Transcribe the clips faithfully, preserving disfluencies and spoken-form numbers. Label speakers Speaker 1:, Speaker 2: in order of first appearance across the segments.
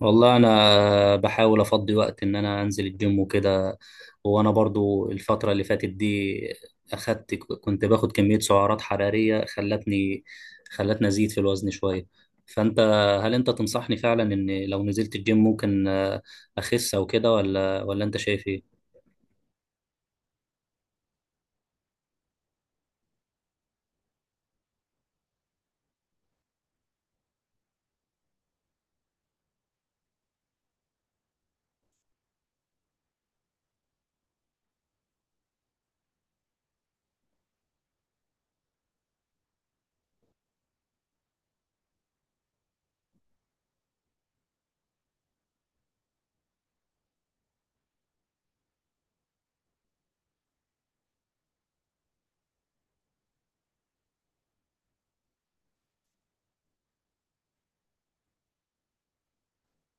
Speaker 1: والله انا بحاول افضي وقت ان انا انزل الجيم وكده. وانا برضو الفتره اللي فاتت دي اخدت، كنت باخد كميه سعرات حراريه خلتني، خلتني ازيد في الوزن شويه. فانت، هل انت تنصحني فعلا ان لو نزلت الجيم ممكن آه، اخس او كده، ولا ولا انت شايف ايه؟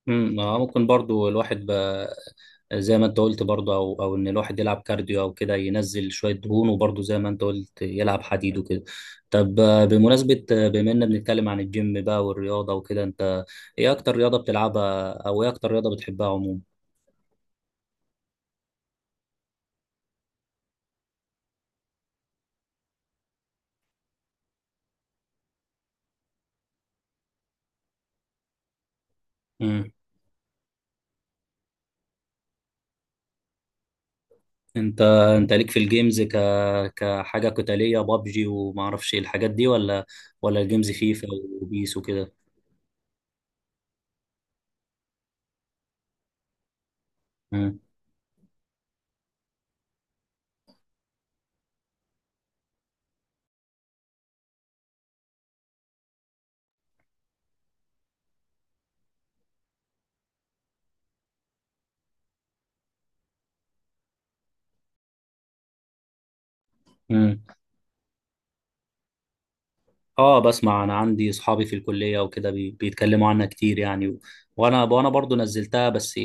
Speaker 1: مم، آه، ممكن برضو الواحد ب... زي ما انت قلت برضو، او او ان الواحد يلعب كارديو او كده، ينزل شويه دهون، وبرضو زي ما انت قلت يلعب حديد وكده. طب آه، بمناسبه آه، بما اننا بنتكلم عن الجيم بقى والرياضه وكده، انت ايه اكتر رياضه بتلعبها، او ايه اكتر رياضه بتحبها عموما؟ مم. انت انت ليك في الجيمز ك كحاجه قتاليه، بابجي وما اعرفش ايه الحاجات دي، ولا ولا الجيمز فيفا وبيس وكده؟ مم. اه بسمع، انا عندي اصحابي في الكليه وكده بي- بيتكلموا عنها كتير يعني، و- وانا وانا برضو نزلتها. بس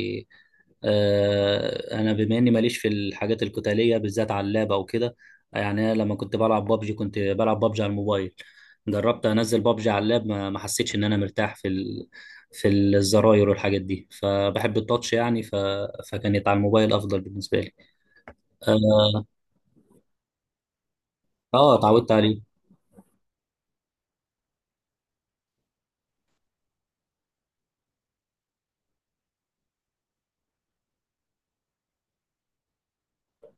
Speaker 1: آه انا بما اني ماليش في الحاجات القتاليه بالذات على اللاب او كده، يعني انا لما كنت بلعب بابجي كنت بلعب بابجي على الموبايل. جربت انزل بابجي على اللاب ما ما حسيتش ان انا مرتاح في ال... في الزراير والحاجات دي، فبحب التاتش يعني، ف... فكانت على الموبايل افضل بالنسبه لي. اه، آه، اتعودت عليه.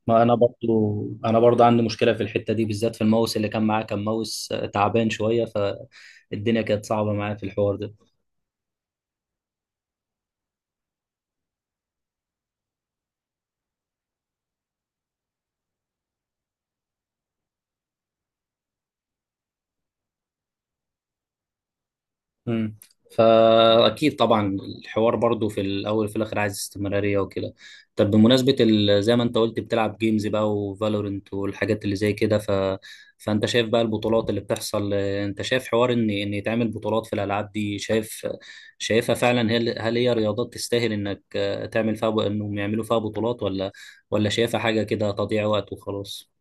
Speaker 1: ما انا برضو انا برضو عندي مشكله في الحته دي بالذات، في الماوس اللي كان معاه، كان ماوس تعبان شويه، فالدنيا كانت صعبه معاه في الحوار ده. امم، فاكيد طبعا الحوار برضو في الاول وفي الاخر عايز استمراريه وكده. طب بمناسبه ال- زي ما انت قلت بتلعب جيمز بقى وفالورنت والحاجات اللي زي كده، ف... فانت شايف بقى البطولات اللي بتحصل، آه، انت شايف حوار ان ان يتعمل بطولات في الالعاب دي؟ شايف، شايفها فعلا؟ هل هل هي رياضات تستاهل انك آه، تعمل فيها ب- انهم يعملوا فيها بطولات، ولا ولا شايفها حاجه كده تضييع وقت وخلاص؟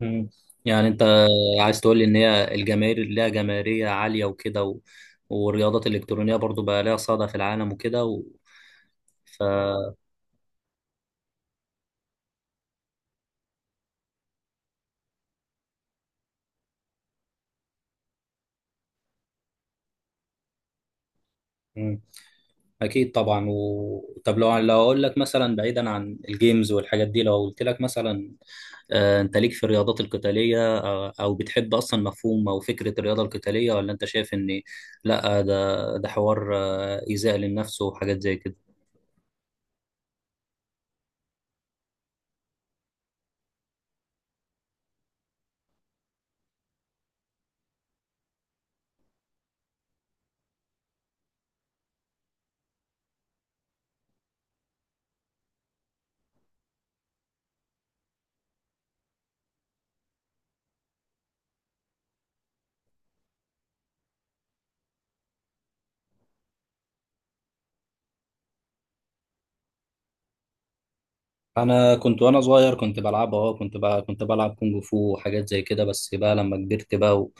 Speaker 1: مم. يعني انت عايز تقول لي ان هي الجماهير اللي ليها جماهيريه عاليه وكده، و... والرياضات الالكترونيه برضو بقى ليها صدى في العالم وكده و... ف مم. اكيد طبعا. و... طب لو لو اقول لك مثلا، بعيدا عن الجيمز والحاجات دي، لو قلت لك مثلا آه، انت ليك في الرياضات القتاليه، آه، او بتحب اصلا مفهوم او فكره الرياضه القتاليه، ولا انت شايف ان لا، ده ده حوار آه، ايذاء للنفس وحاجات زي كده؟ انا كنت وانا صغير كنت بلعبها، اه كنت بقى كنت بلعب كونج فو وحاجات زي كده، بس بقى لما كبرت بقى و...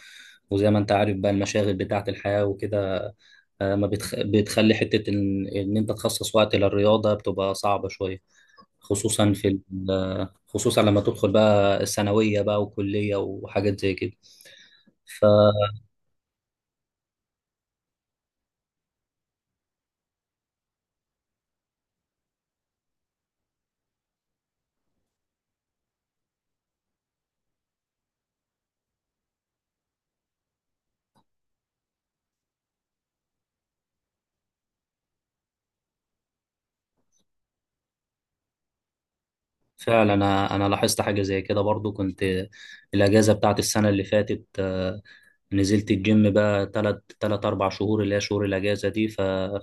Speaker 1: وزي ما انت عارف بقى المشاغل بتاعة الحياة وكده، آه، ما بتخ... بتخلي حتة ان... ان انت تخصص وقت للرياضة بتبقى صعبة شوية، خصوصا في ال... خصوصا لما تدخل بقى الثانوية بقى وكلية وحاجات زي كده. ففعلا انا انا لاحظت حاجة زي كده برضو، كنت الاجازة بتاعة السنة اللي فاتت آه، نزلت الجيم بقى تلات تلات أربع شهور اللي هي شهور الأجازة دي، ف...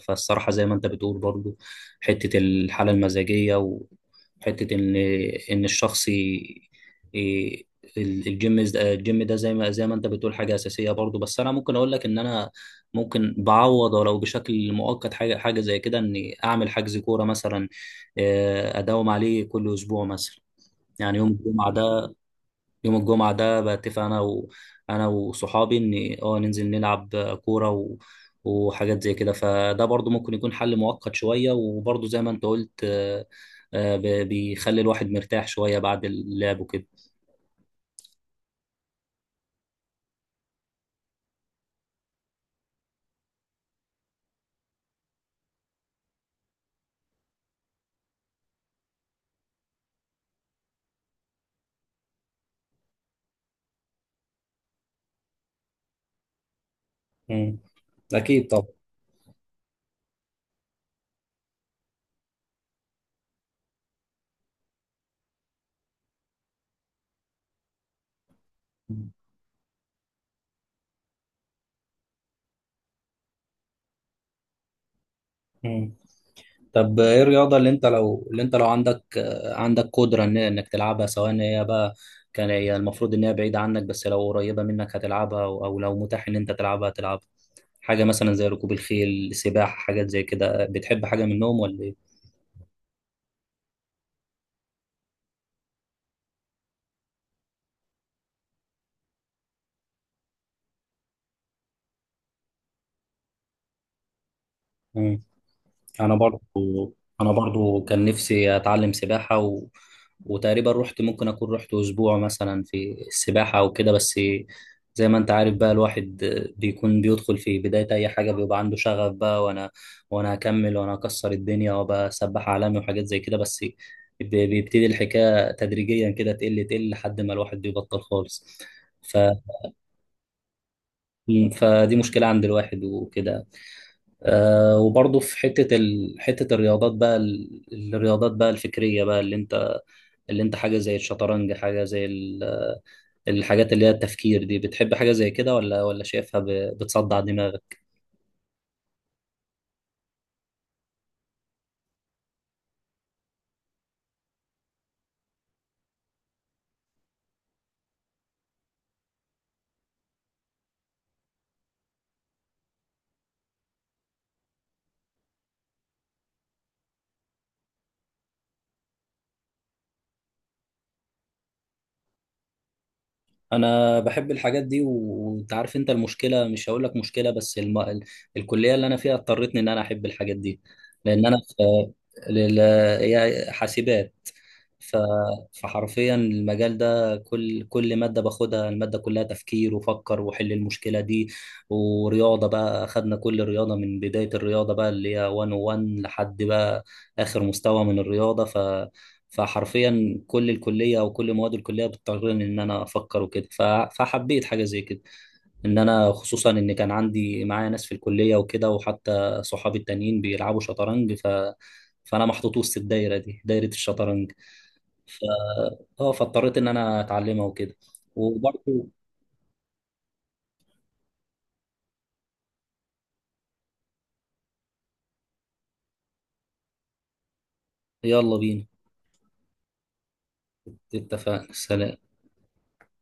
Speaker 1: فالصراحة زي ما أنت بتقول برضو، حتة الحالة المزاجية وحتة إن إن الشخص ي... ي- الجيم الجيم ده زي ما زي ما أنت بتقول حاجة أساسية برضو. بس أنا ممكن أقول لك إن أنا ممكن بعوض ولو بشكل مؤقت حاجة حاجة زي كده، إني أعمل حجز كورة مثلا، آه، أداوم عليه كل أسبوع مثلا. يعني يوم الجمعة ده يوم الجمعة ده بتفق أنا و... أنا وصحابي إن آه ننزل نلعب كورة و... وحاجات زي كده، فده برضو ممكن يكون حل مؤقت شوية. وبرضو زي ما أنت قلت، آه، آه، ب- بيخلي الواحد مرتاح شوية بعد اللعب وكده. مم. أكيد طبعا. مم. طب إيه الرياضة اللي أنت لو اللي أنت لو عندك آه، عندك قدرة إن... إنك تلعبها؟ سواء إن هي بقى كان هي المفروض إن هي بعيدة عنك، بس لو قريبة منك هتلعبها، أو أو لو متاح إن أنت تلعبها تلعبها؟ حاجة مثلا زي ركوب الخيل، سباحة، حاجات زي كده، بتحب حاجة منهم ولا إيه؟ مم. أنا برضو أنا برضو كان نفسي أتعلم سباحة، و... وتقريبا رحت، ممكن أكون رحت أسبوع مثلا في السباحة أو كده، بس زي ما أنت عارف بقى الواحد بيكون بيدخل في بداية أي حاجة بيبقى عنده شغف بقى، وأنا وأنا هكمل وأنا هكسر الدنيا وأبقى سباح عالمي وحاجات زي كده. بس ب- بيبتدي الحكاية تدريجيا كده، تقل تقل لحد ما الواحد بيبطل خالص. ف... مم. فدي مشكلة عند الواحد وكده. آه، وبرضه في حتة ال... حتة الرياضات بقى ال... الرياضات بقى الفكرية بقى، اللي انت اللي انت حاجة زي الشطرنج، حاجة زي ال... الحاجات اللي هي التفكير دي، بتحب حاجة زي كده، ولا ولا شايفها ب... بتصدع دماغك؟ انا بحب الحاجات دي. و- وانت عارف، انت المشكله، مش هقول لك مشكله بس الم... ال- الكليه اللي انا فيها اضطرتني ان انا احب الحاجات دي، لان انا في لل... هي حاسبات، ف... فحرفيا المجال ده، كل كل ماده باخدها الماده كلها تفكير وفكر وحل المشكله دي. ورياضه بقى اخدنا كل رياضه من بدايه الرياضه بقى اللي هي مئة وواحد لحد بقى اخر مستوى من الرياضه. فحرفيا كل الكليه او كل مواد الكليه بتضطرني ان انا افكر وكده، ف- فحبيت حاجه زي كده، ان انا خصوصا ان كان عندي معايا ناس في الكليه وكده، وحتى صحابي التانيين بيلعبوا شطرنج، ف فانا محطوط وسط الدايره دي، دايره الشطرنج. ف اه فاضطريت ان انا اتعلمها وكده. وبرضه يلا بينا. اتفقنا، سلام.